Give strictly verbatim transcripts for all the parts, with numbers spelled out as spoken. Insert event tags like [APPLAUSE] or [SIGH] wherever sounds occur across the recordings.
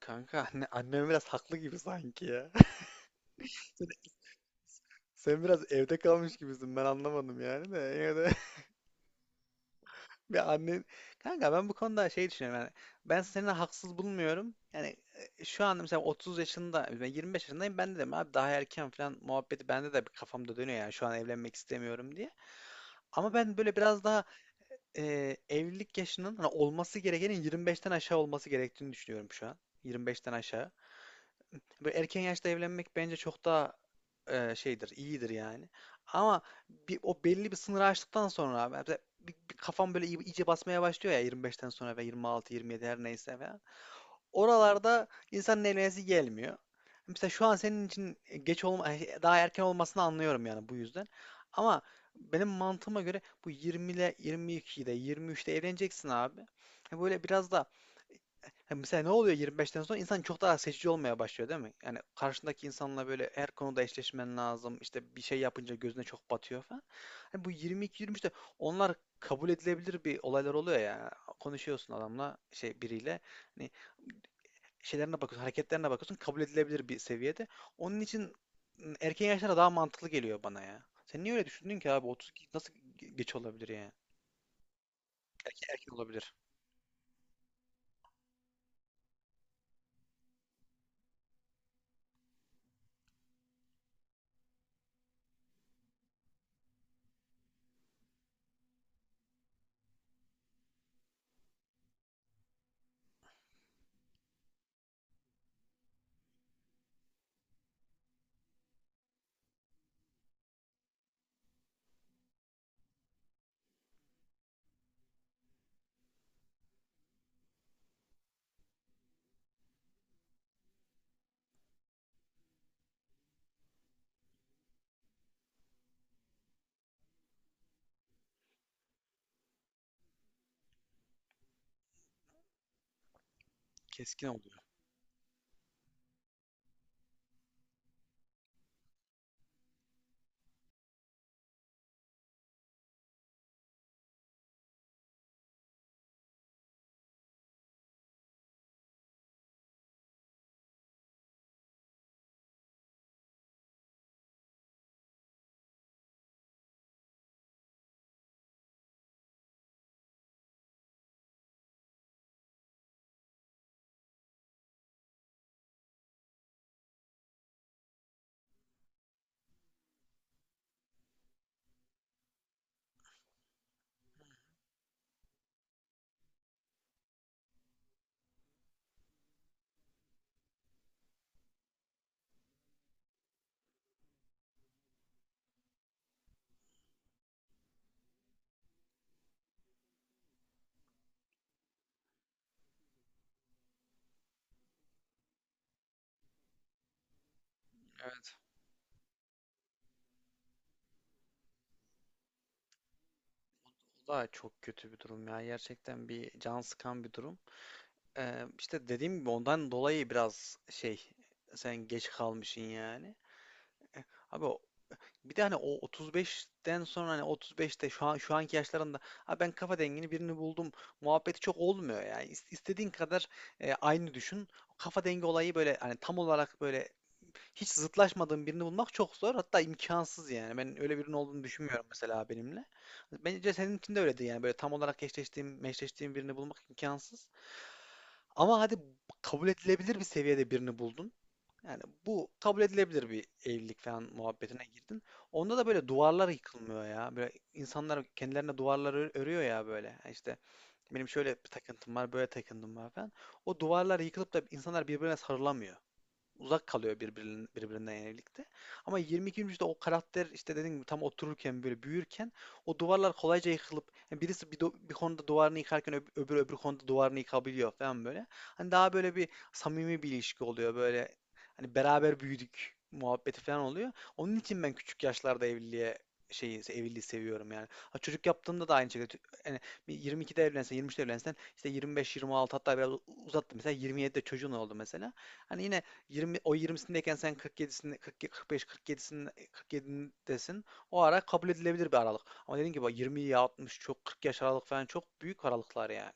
Kanka anne, annem biraz haklı gibi sanki ya. [LAUGHS] Sen, sen biraz evde kalmış gibisin. Ben anlamadım yani de. Yine de [LAUGHS] bir annen. Kanka ben bu konuda şey düşünüyorum yani. Ben seni haksız bulmuyorum. Yani e, şu anda mesela otuz yaşında, ben yirmi beş yaşındayım. Ben de dedim abi daha erken falan muhabbeti bende de bir kafamda dönüyor yani şu an evlenmek istemiyorum diye. Ama ben böyle biraz daha e, evlilik yaşının hani olması gerekenin yirmi beşten aşağı olması gerektiğini düşünüyorum şu an. yirmi beşten aşağı. Böyle erken yaşta evlenmek bence çok daha e, şeydir, iyidir yani. Ama bir, o belli bir sınırı aştıktan sonra abi, mesela bir- bir kafam böyle iy- iyice basmaya başlıyor ya yirmi beşten sonra ve yirmi altı, yirmi yedi her neyse falan. Oralarda insanın evlenesi gelmiyor. Mesela şu an senin için geç olma, daha erken olmasını anlıyorum yani bu yüzden. Ama benim mantığıma göre bu yirmiyle, yirmi ikide, yirmi üçte evleneceksin abi. E, Böyle biraz da. Ha, mesela ne oluyor yirmi beşten sonra? İnsan çok daha seçici olmaya başlıyor değil mi? Yani karşındaki insanla böyle her konuda eşleşmen lazım. İşte bir şey yapınca gözüne çok batıyor falan. Hani bu yirmi iki yirmi üçte onlar kabul edilebilir bir olaylar oluyor ya. Konuşuyorsun adamla şey biriyle. Hani şeylerine bakıyorsun, hareketlerine bakıyorsun. Kabul edilebilir bir seviyede. Onun için erken yaşlara daha mantıklı geliyor bana ya. Sen niye öyle düşündün ki abi? otuz nasıl geç olabilir yani? Erken, erken olabilir. Keskin oluyor. Bu da çok kötü bir durum ya. Gerçekten bir can sıkan bir durum. Ee, işte dediğim gibi ondan dolayı biraz şey, sen geç kalmışsın yani. Eh, Abi o- bir de hani o otuz beşten sonra hani otuz beşte şu an şu anki yaşlarında, abi ben kafa dengini birini buldum muhabbeti çok olmuyor yani. İs- istediğin kadar e, aynı düşün. Kafa dengi olayı böyle hani tam olarak böyle hiç zıtlaşmadığım birini bulmak çok zor. Hatta imkansız yani. Ben öyle birinin olduğunu düşünmüyorum mesela benimle. Bence senin için de öyledir yani. Böyle tam olarak eşleştiğim, meşleştiğim birini bulmak imkansız. Ama hadi kabul edilebilir bir seviyede birini buldun. Yani bu kabul edilebilir bir evlilik falan muhabbetine girdin. Onda da böyle duvarlar yıkılmıyor ya. Böyle insanlar kendilerine duvarlar ör- örüyor ya böyle. Yani İşte benim şöyle bir takıntım var, böyle takıntım var falan. O duvarlar yıkılıp da insanlar birbirine sarılamıyor, uzak kalıyor birbirinin, birbirinden evlilikte. Ama yirmi ikinci yüzyılda o karakter işte dediğim gibi tam otururken böyle büyürken o duvarlar kolayca yıkılıp, yani birisi bir, du- bir konuda duvarını yıkarken öb- öbürü öbür konuda duvarını yıkabiliyor falan böyle. Hani daha böyle bir samimi bir ilişki oluyor böyle, hani beraber büyüdük muhabbeti falan oluyor. Onun için ben küçük yaşlarda evliliğe şeyi, evliliği seviyorum yani. Ha, çocuk yaptığımda da aynı şekilde, yani bir yirmi ikide evlensen, yirmi üçte evlensen işte yirmi beş yirmi altı, hatta biraz uzattım mesela yirmi yedide çocuğun oldu mesela. Hani yine yirmi, o yirmisindeyken sen kırk yedisinde, kırk, kırk beş, kırk yedisinde, kırk yedidesin. O ara kabul edilebilir bir aralık. Ama dediğim gibi yirmi ya altmış çok, kırk yaş aralık falan çok büyük aralıklar yani.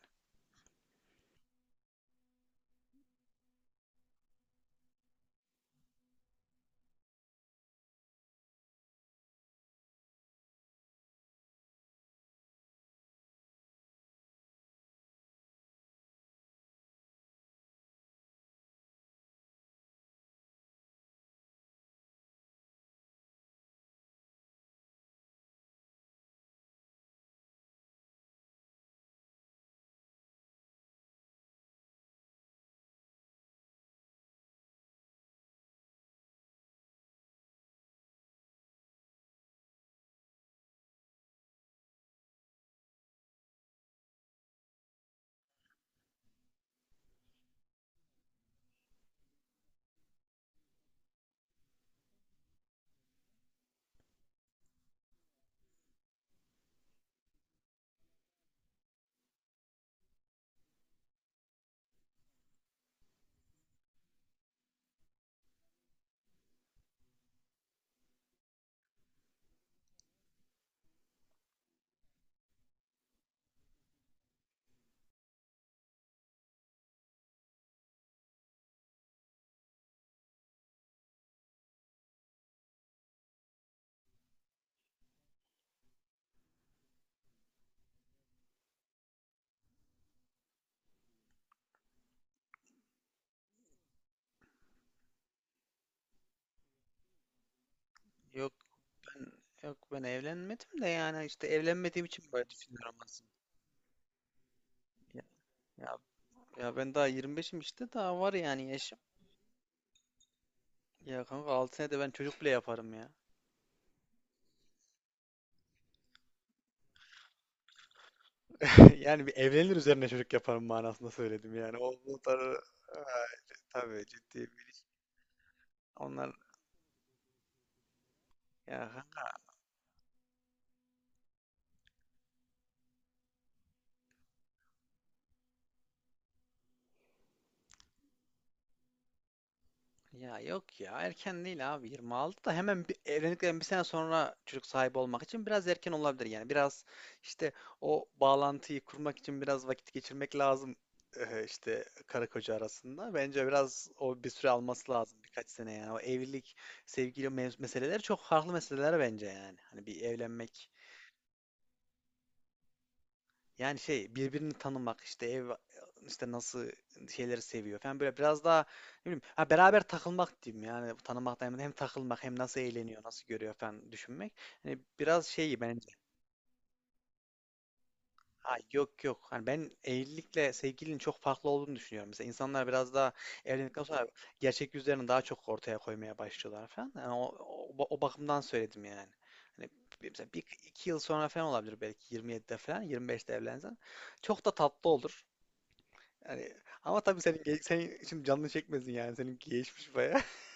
Yok ben yok ben evlenmedim de, yani işte evlenmediğim için böyle düşünüyorum aslında. Ya, ya, ya ben daha yirmi beşim işte, daha var yani yaş. Ya kanka altı senede ben çocuk bile yaparım ya. [LAUGHS] Yani bir evlenir üzerine çocuk yaparım manasında söyledim yani. O, o tar- Ha, tabii ciddi bir iş. Onlar, ya. Ya yok ya erken değil abi, yirmi altı da hemen bir, evlendikten bir sene sonra çocuk sahibi olmak için biraz erken olabilir yani, biraz işte o bağlantıyı kurmak için biraz vakit geçirmek lazım. eh, işte karı koca arasında bence biraz o bir süre alması lazım, birkaç sene yani o evlilik. Sevgili mevz- meseleleri çok farklı meseleler bence, yani hani bir evlenmek yani şey, birbirini tanımak işte ev, işte nasıl şeyleri seviyor falan, böyle biraz daha ne bileyim, ha, beraber takılmak diyeyim yani, tanımak da hem, hem takılmak, hem nasıl eğleniyor, nasıl görüyor falan düşünmek. Hani biraz şey bence, ha yok yok, hani ben evlilikle sevgilinin çok farklı olduğunu düşünüyorum. Mesela insanlar biraz daha evlendikten sonra gerçek yüzlerini daha çok ortaya koymaya başlıyorlar falan. Yani o, o, o bakımdan söyledim yani. Hani bir- mesela bir, iki yıl sonra falan olabilir, belki yirmi yedide falan, yirmi beşte evlensen. Çok da tatlı olur. Yani ama tabii senin ge- senin için canını çekmesin yani. Senin geçmiş baya. [LAUGHS]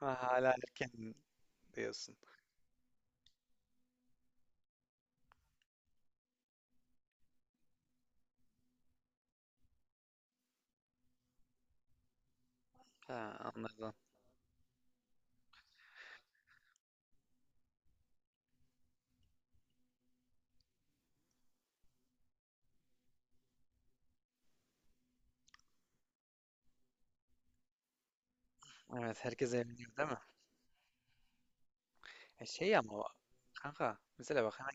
Ha, hala erken diyorsun. Ha, anladım. Evet, herkes evleniyor değil mi? E şey ama o- kanka mesela bak, hemen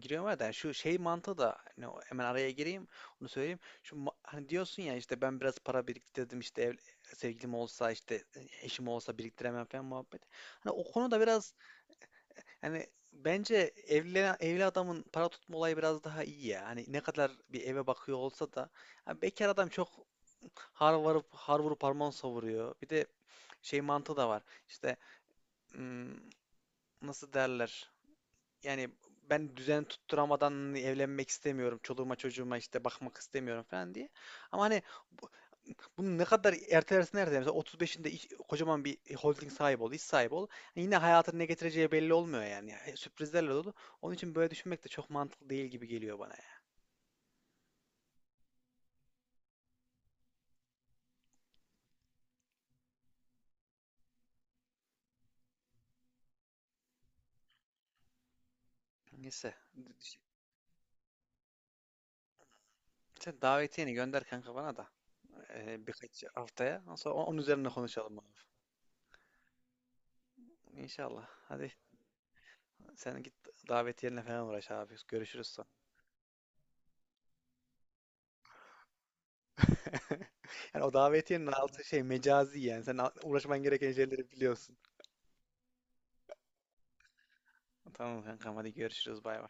giriyorum arada, yani şu şey mantığı da hani o- hemen araya gireyim, onu söyleyeyim. Şu ma- hani diyorsun ya, işte ben biraz para biriktirdim işte ev, sevgilim olsa işte e, eşim olsa biriktiremem falan muhabbet. Hani o konuda biraz. Hani bence evli, evli adamın para tutma olayı biraz daha iyi ya. Hani ne kadar bir eve bakıyor olsa da hani bekar adam çok har varıp har vurup harman savuruyor. Bir de şey mantığı da var. İşte, hmm, nasıl derler, yani ben düzen tutturamadan hani evlenmek istemiyorum. Çoluğuma çocuğuma işte bakmak istemiyorum falan diye. Ama hani bu- bunu ne kadar ertelersin, nerede? Mesela otuz beşinde iş- kocaman bir holding sahibi ol, iş sahibi ol. Yine hayatın ne getireceği belli olmuyor yani. Yani sürprizlerle dolu. Onun için böyle düşünmek de çok mantıklı değil gibi geliyor bana yani. Neyse. Sen davetiyeni gönder kanka, bana da e, birkaç haftaya. Ondan sonra onun üzerine konuşalım abi. İnşallah. Hadi sen git davetiyenle falan uğraş abi. Görüşürüz sonra. [LAUGHS] Yani o davetiyenin altı şey, mecazi yani. Sen al- uğraşman gereken şeyleri biliyorsun. Tamam kankam, hadi görüşürüz, bay bay.